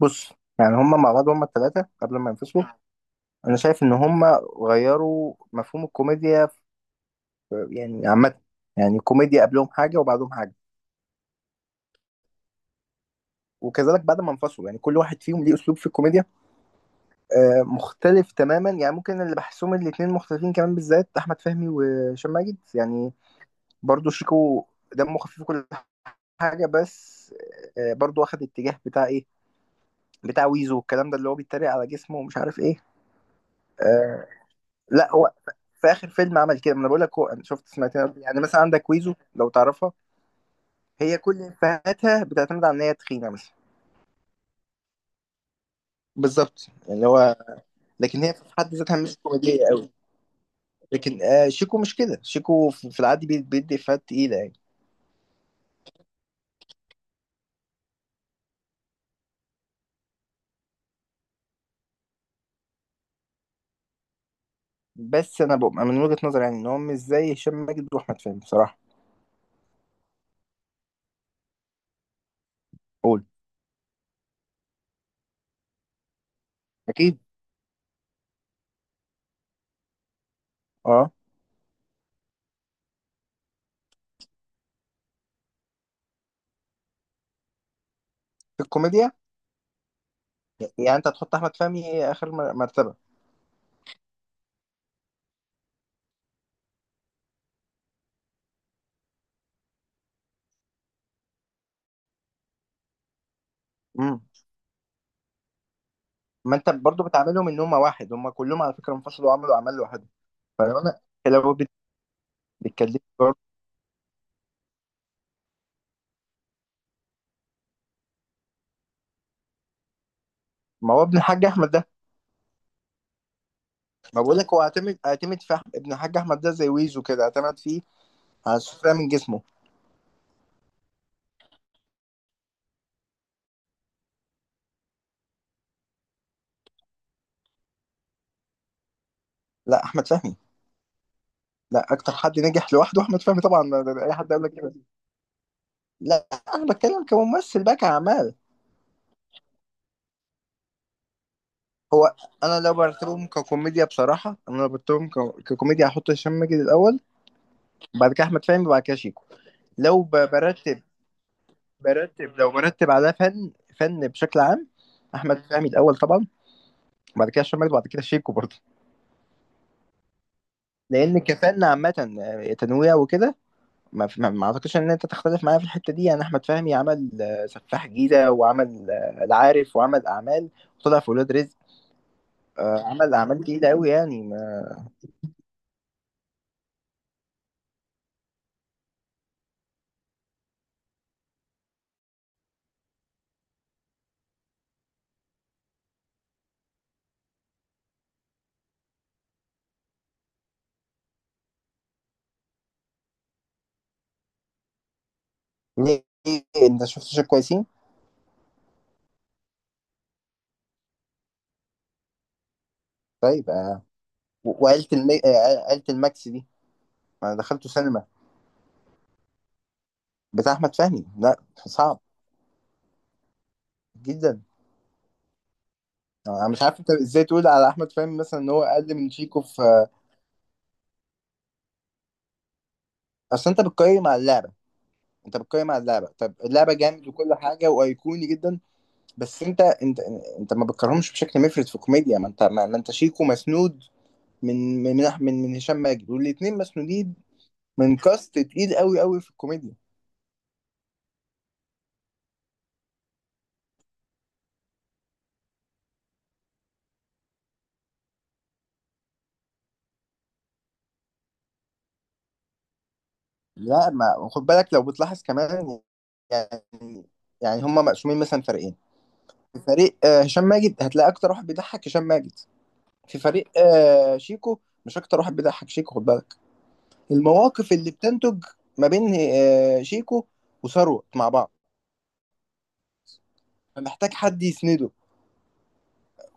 بص. يعني هما مع بعض، هما الثلاثة قبل ما ينفصلوا أنا شايف إن هما غيروا مفهوم الكوميديا في يعني عامة. يعني الكوميديا قبلهم حاجة وبعدهم حاجة. وكذلك بعد ما انفصلوا يعني كل واحد فيهم ليه أسلوب في الكوميديا مختلف تماما. يعني ممكن اللي بحسهم الاتنين مختلفين كمان، بالذات أحمد فهمي وهشام ماجد، يعني برضو شيكو دمه خفيف وكل حاجة. بس برضو واخد اتجاه بتاع إيه، بتاع ويزو والكلام ده اللي هو بيتريق على جسمه ومش عارف إيه آه، لا. هو في اخر فيلم عمل كده. ما انا بقول لك، هو انا شفت سمعت يعني مثلا عندك ويزو لو تعرفها، هي كل افيهاتها بتعتمد على ان هي تخينه مثلا. بالظبط، يعني هو لكن هي في حد ذاتها مش كوميديه قوي. لكن آه، شيكو مش كده، شيكو في العادي بيدي افيهات تقيله يعني. بس انا بقى من وجهه نظري يعني ان هو مش زي هشام ماجد واحمد فهمي بصراحه. قول. اكيد. اه. في الكوميديا. يعني انت هتحط احمد فهمي اخر مرتبه. امم. ما انت برضو بتعاملهم ان هم واحد. هم كلهم على فكره انفصلوا وعملوا اعمال لوحدهم. فلو انا، لو بتكلمني برضه. ما هو ابن الحاج احمد ده. ما بقول لك، هو اعتمد في ابن الحاج احمد ده زي ويزو كده اعتمد فيه على السفلة من جسمه. لا، احمد فهمي. لا، اكتر حد نجح لوحده احمد فهمي طبعا. اي حد يقول لك كده. لا، انا بتكلم كممثل بقى، كاعمال. هو انا لو برتبهم ككوميديا بصراحه، انا لو برتبهم ككوميديا، هحط هشام ماجد الاول. بعد كده احمد فهمي، بعد كده شيكو. لو برتب، برتب، لو برتب على فن، فن بشكل عام، احمد فهمي الاول طبعا. بعد كده هشام ماجد وبعد كده شيكو برضه. لان كفاءنا عامه، تنويع وكده. ما اعتقدش ان انت تختلف معايا في الحته دي. يعني احمد فهمي عمل سفاح جيزه، وعمل العارف، وعمل اعمال وطلع في ولاد رزق، عمل اعمال تقيله قوي يعني ما... ليه؟ ليه؟ انت شفت شيء كويسين؟ طيب وعيله الم... عيله الماكس دي ما دخلته سينما، بتاع احمد فهمي؟ لا، صعب جدا. انا مش عارف انت ازاي تقول على احمد فهمي مثلا ان هو اقل من شيكو في اصل انت بتقيم على اللعبه. انت بتقيم على اللعبه. طب اللعبه جامد وكل حاجه وايقوني جدا. بس انت، انت ما بتكرهمش بشكل مفرط في كوميديا. ما انت، ما ما انت شيكو مسنود من هشام ماجد. والاثنين مسنودين من كاست تقيل قوي قوي في الكوميديا. لا، ما خد بالك لو بتلاحظ كمان يعني، يعني هما مقسومين مثلا فريقين. في فريق هشام ماجد، هتلاقي اكتر واحد بيضحك هشام ماجد. في فريق شيكو مش اكتر واحد بيضحك شيكو، خد بالك. المواقف اللي بتنتج ما بين شيكو وثروت مع بعض، فمحتاج حد يسنده.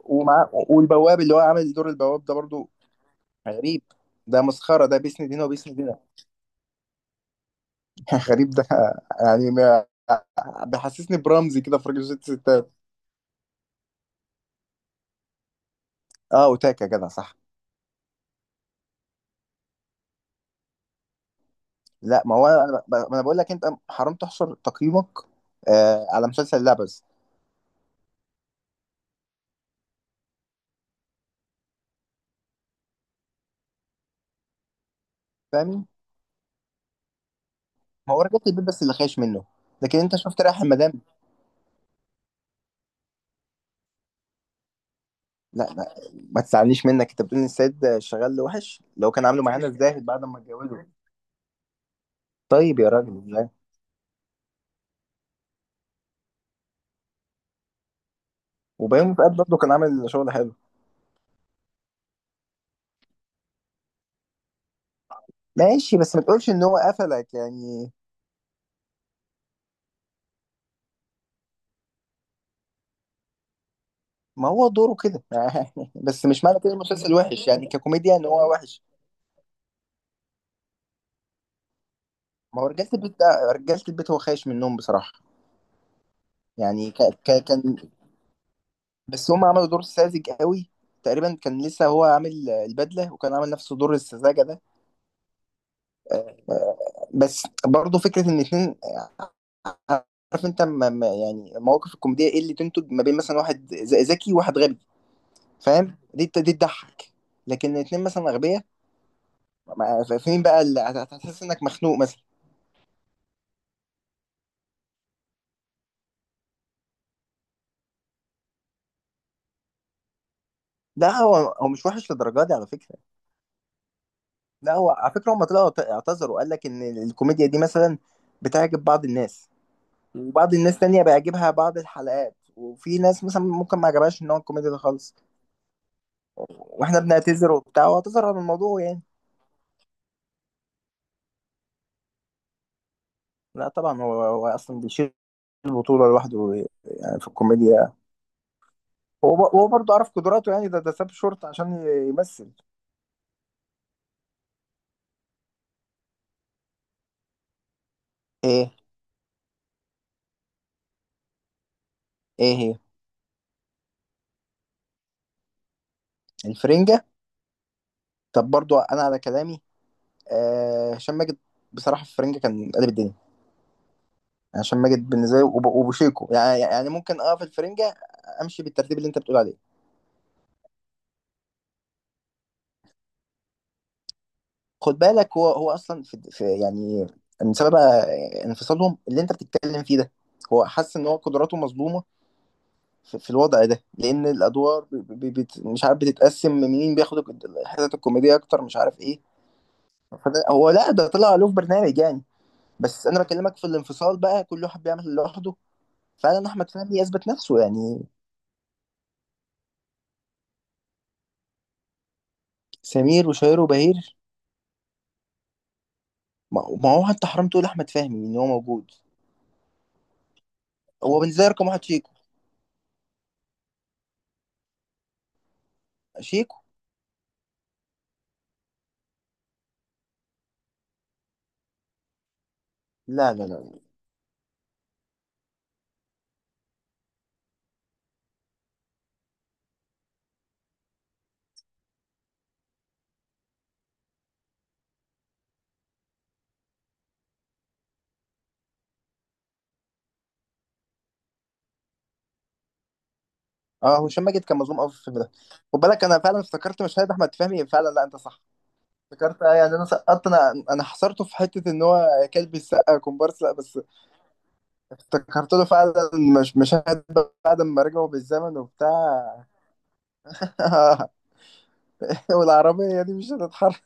ومع، والبواب اللي هو عامل دور البواب ده برضو غريب. ده مسخرة، ده بيسند هنا وبيسند هنا. غريب ده، يعني ما بيحسسني برمزي كده في راجل ست ستات. اه، وتاكا جدع صح. لا، ما هو انا ما انا بقول لك، انت حرام تحصر تقييمك على مسلسل لبس. فاهمني؟ ما هو رجعت البيت بس اللي خايش منه. لكن انت شفت رايح المدام؟ لا لا، ما تزعلنيش منك. انت بتقول ان السيد شغال وحش لو كان عامله معانا الزاهد بعد ما اتجوزه؟ طيب يا راجل، ازاي؟ وبيومي فؤاد برضه كان عامل شغل حلو. ماشي، بس ما تقولش ان هو قفلك يعني. ما هو دوره كده. بس مش معنى كده المسلسل وحش يعني، ككوميديا ان هو وحش. ما هو رجاله البيت ده، رجاله البيت هو خايش منهم بصراحه. يعني ك... ك... كان، بس هم عملوا دور ساذج قوي تقريبا. كان لسه هو عامل البدله وكان عامل نفسه دور السذاجه ده آه، بس برضه فكره ان اتنين، عارف انت، يعني مواقف الكوميديا ايه اللي تنتج؟ ما بين مثلا واحد ذكي وواحد غبي، فاهم؟ دي تضحك. لكن اتنين مثلا اغبياء، فين بقى اللي هتحس انك مخنوق مثلا؟ لا هو هو مش وحش للدرجه دي على فكره. لا هو على فكره، هم طلعوا اعتذروا وقال لك ان الكوميديا دي مثلا بتعجب بعض الناس وبعض الناس تانية بيعجبها بعض الحلقات، وفي ناس مثلا ممكن ما عجبهاش ان هو الكوميديا ده خالص، واحنا بنعتذر وبتاع، واعتذر عن الموضوع يعني. لا طبعا، هو هو اصلا بيشيل البطولة لوحده يعني في الكوميديا. هو هو برضه عارف قدراته، يعني ده ده ساب شورت عشان يمثل. ايه؟ ايه هي؟ الفرنجة؟ طب برضه انا على كلامي، آه، هشام ماجد بصراحة في الفرنجة كان قلب الدنيا. يعني هشام ماجد بالنسبة لي وبوشيكو يعني، يعني ممكن اه في الفرنجة امشي بالترتيب اللي انت بتقول عليه. خد بالك هو هو اصلا في يعني من سبب انفصالهم اللي انت بتتكلم فيه ده، هو حس ان هو قدراته مظلومة في الوضع ده. لان الادوار مش عارف بتتقسم مين بياخد الحتت الكوميديه اكتر، مش عارف ايه. فده هو، لا ده طلع له في برنامج يعني. بس انا بكلمك في الانفصال بقى، كل واحد بيعمل اللي لوحده. فعلا احمد فهمي اثبت نفسه يعني. سمير وشهير وبهير؟ ما ما هو انت حرام تقول احمد فهمي ان هو موجود. هو بالنسبه لي رقم واحد شيكو. شيكو. لا لا لا. اه هشام ماجد كان مظلوم قوي في الفيلم ده، خد بالك. انا فعلا افتكرت مشاهد احمد فهمي، فعلا لا انت صح. افتكرت، اه. يعني انا سقطت، انا انا حصرته في حته ان هو كلب السقا كومبارس، لا بس افتكرت له فعلا مش مشاهد بعد ما رجعوا بالزمن وبتاع. والعربيه دي مش هتتحرك.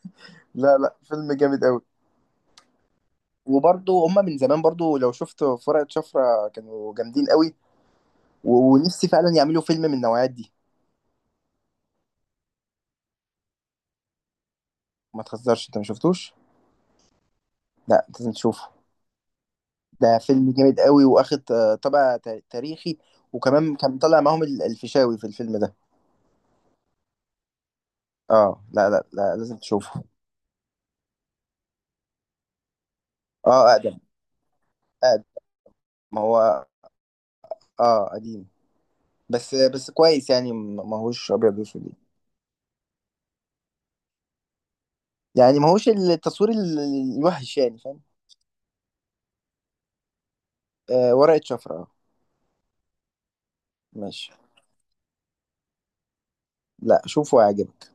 لا لا، فيلم جامد قوي. وبرضه هما من زمان برضه لو شفت فرقه شفرة كانوا جامدين قوي. و- ونفسي فعلا يعملوا فيلم من النوعيات دي. ما تهزرش، انت ما شفتوش؟ لا، لازم تشوفه. ده فيلم جامد قوي، واخد طابع تاريخي. وكمان كان طالع معاهم الفيشاوي في الفيلم ده. اه لا لا، لا لازم تشوفه. اه اقدم، اقدم. ما هو اه قديم. بس بس كويس يعني، ما هوش ابيض واسود يعني. يعني ما هوش التصوير الوحش يعني، فاهم؟ آه، ورقة شفرة، اه. ماشي. لا شوفه، هيعجبك.